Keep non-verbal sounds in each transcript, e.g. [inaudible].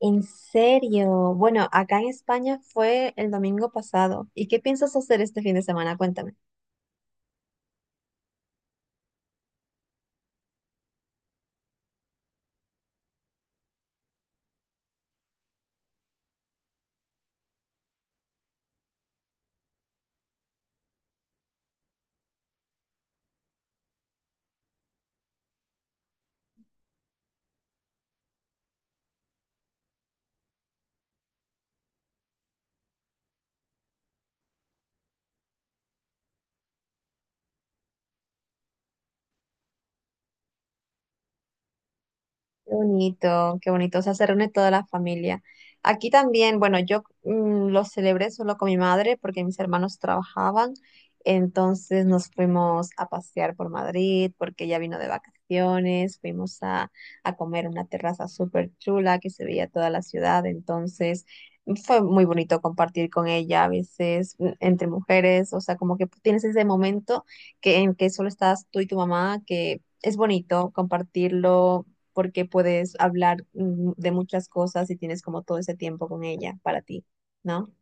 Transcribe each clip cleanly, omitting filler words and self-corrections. En serio. Bueno, acá en España fue el domingo pasado. ¿Y qué piensas hacer este fin de semana? Cuéntame. Qué bonito, qué bonito. O sea, se reúne toda la familia. Aquí también, bueno, yo lo celebré solo con mi madre porque mis hermanos trabajaban. Entonces nos fuimos a pasear por Madrid porque ella vino de vacaciones. Fuimos a comer en una terraza súper chula que se veía toda la ciudad. Entonces fue muy bonito compartir con ella a veces entre mujeres. O sea, como que tienes ese momento en que solo estás tú y tu mamá, que es bonito compartirlo porque puedes hablar de muchas cosas y tienes como todo ese tiempo con ella para ti, ¿no?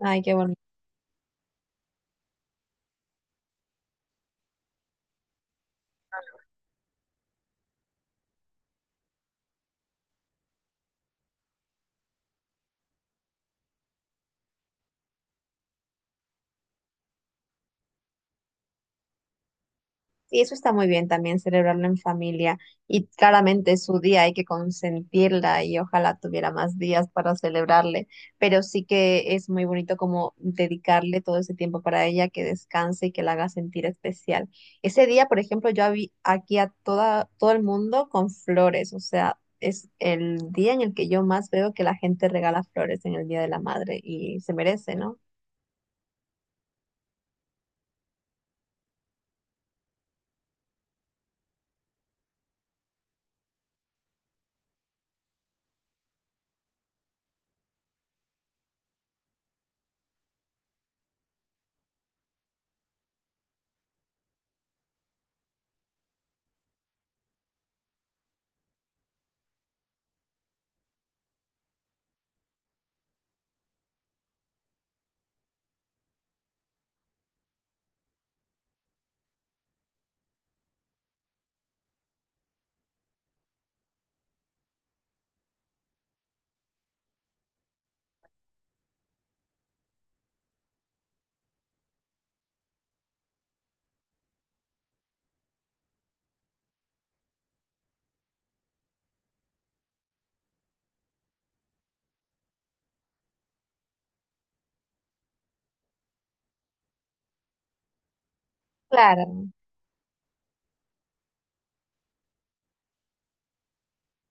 Ay, qué bonito. Sí, eso está muy bien también, celebrarlo en familia. Y claramente es su día, hay que consentirla y ojalá tuviera más días para celebrarle. Pero sí que es muy bonito como dedicarle todo ese tiempo para ella, que descanse y que la haga sentir especial. Ese día, por ejemplo, yo vi aquí a toda, todo el mundo con flores. O sea, es el día en el que yo más veo que la gente regala flores en el Día de la Madre y se merece, ¿no? Claro.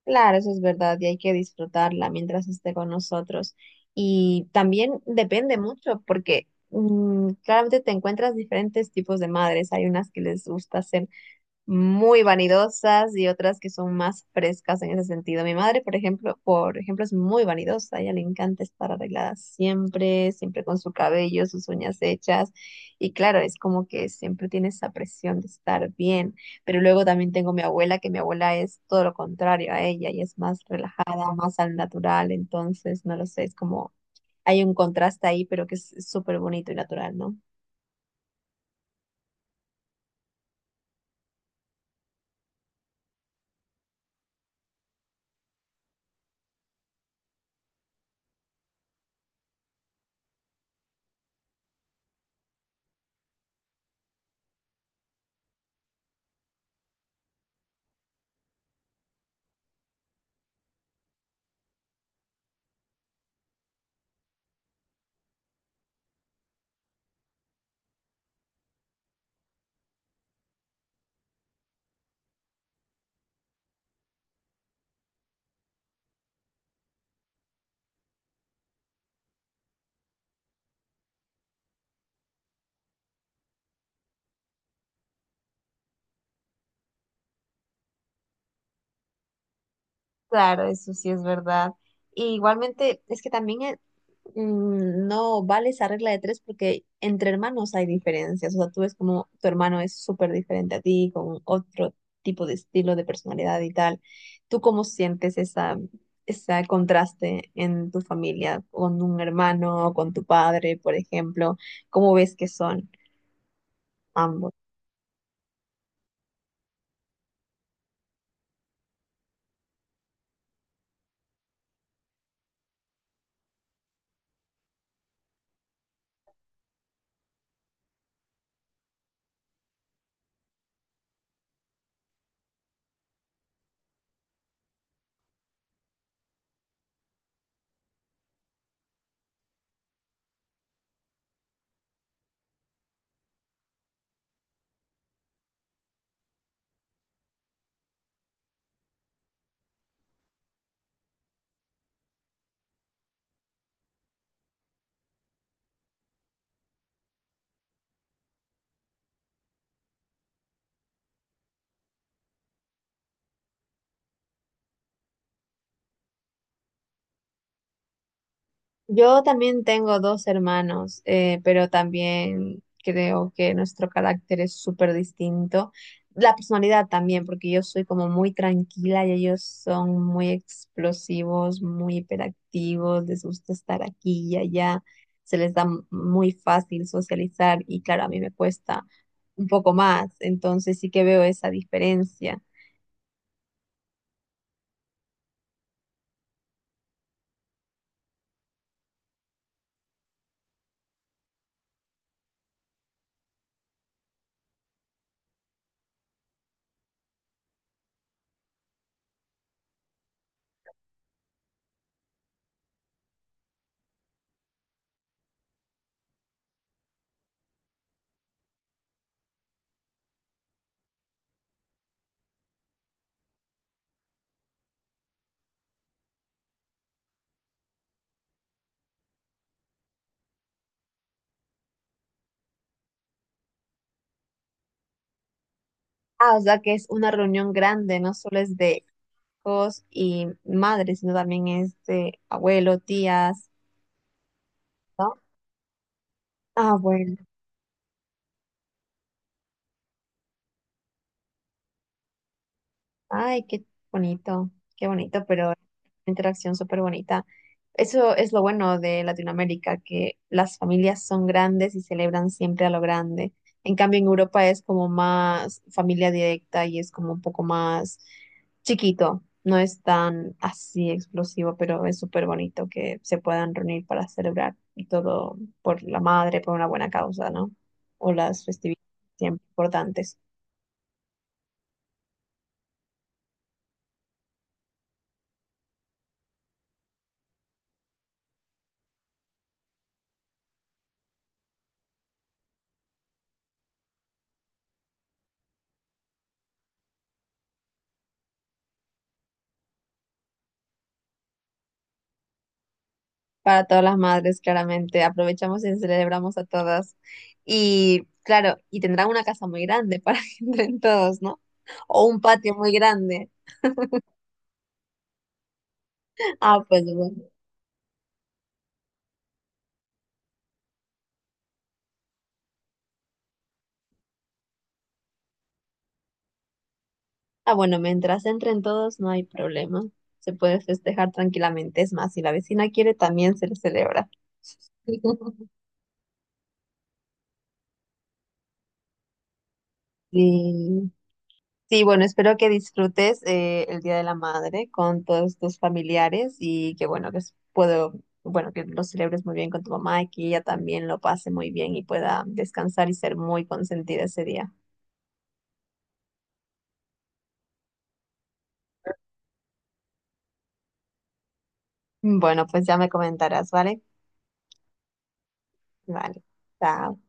Claro, eso es verdad y hay que disfrutarla mientras esté con nosotros. Y también depende mucho porque claramente te encuentras diferentes tipos de madres. Hay unas que les gusta hacer muy vanidosas y otras que son más frescas en ese sentido. Mi madre, por ejemplo, es muy vanidosa, a ella le encanta estar arreglada siempre, siempre con su cabello, sus uñas hechas y claro, es como que siempre tiene esa presión de estar bien, pero luego también tengo mi abuela, que mi abuela es todo lo contrario a ella y es más relajada, más al natural, entonces no lo sé, es como hay un contraste ahí, pero que es súper bonito y natural, ¿no? Claro, eso sí es verdad. Y igualmente, es que también no vale esa regla de tres porque entre hermanos hay diferencias. O sea, tú ves como tu hermano es súper diferente a ti, con otro tipo de estilo de personalidad y tal. ¿Tú cómo sientes ese contraste en tu familia, con un hermano, con tu padre, por ejemplo? ¿Cómo ves que son ambos? Yo también tengo dos hermanos, pero también creo que nuestro carácter es súper distinto. La personalidad también, porque yo soy como muy tranquila y ellos son muy explosivos, muy hiperactivos, les gusta estar aquí y allá, se les da muy fácil socializar y claro, a mí me cuesta un poco más, entonces sí que veo esa diferencia. Ah, o sea que es una reunión grande, no solo es de hijos y madres, sino también es de abuelo, tías, ¿no? Ah, bueno. Ay, qué bonito, pero interacción súper bonita. Eso es lo bueno de Latinoamérica, que las familias son grandes y celebran siempre a lo grande. En cambio, en Europa es como más familia directa y es como un poco más chiquito. No es tan así explosivo, pero es súper bonito que se puedan reunir para celebrar y todo por la madre, por una buena causa, ¿no? O las festividades siempre importantes. Para todas las madres, claramente. Aprovechamos y celebramos a todas. Y claro, y tendrán una casa muy grande para [laughs] que entren todos, ¿no? O un patio muy grande. Ah, pues bueno. Ah, bueno, mientras entren todos no hay problema. Se puede festejar tranquilamente. Es más, si la vecina quiere, también se le celebra. [laughs] Sí. Sí, bueno, espero que disfrutes el Día de la Madre con todos tus familiares y que bueno, bueno, que lo celebres muy bien con tu mamá y que ella también lo pase muy bien y pueda descansar y ser muy consentida ese día. Bueno, pues ya me comentarás, ¿vale? Vale. Chao.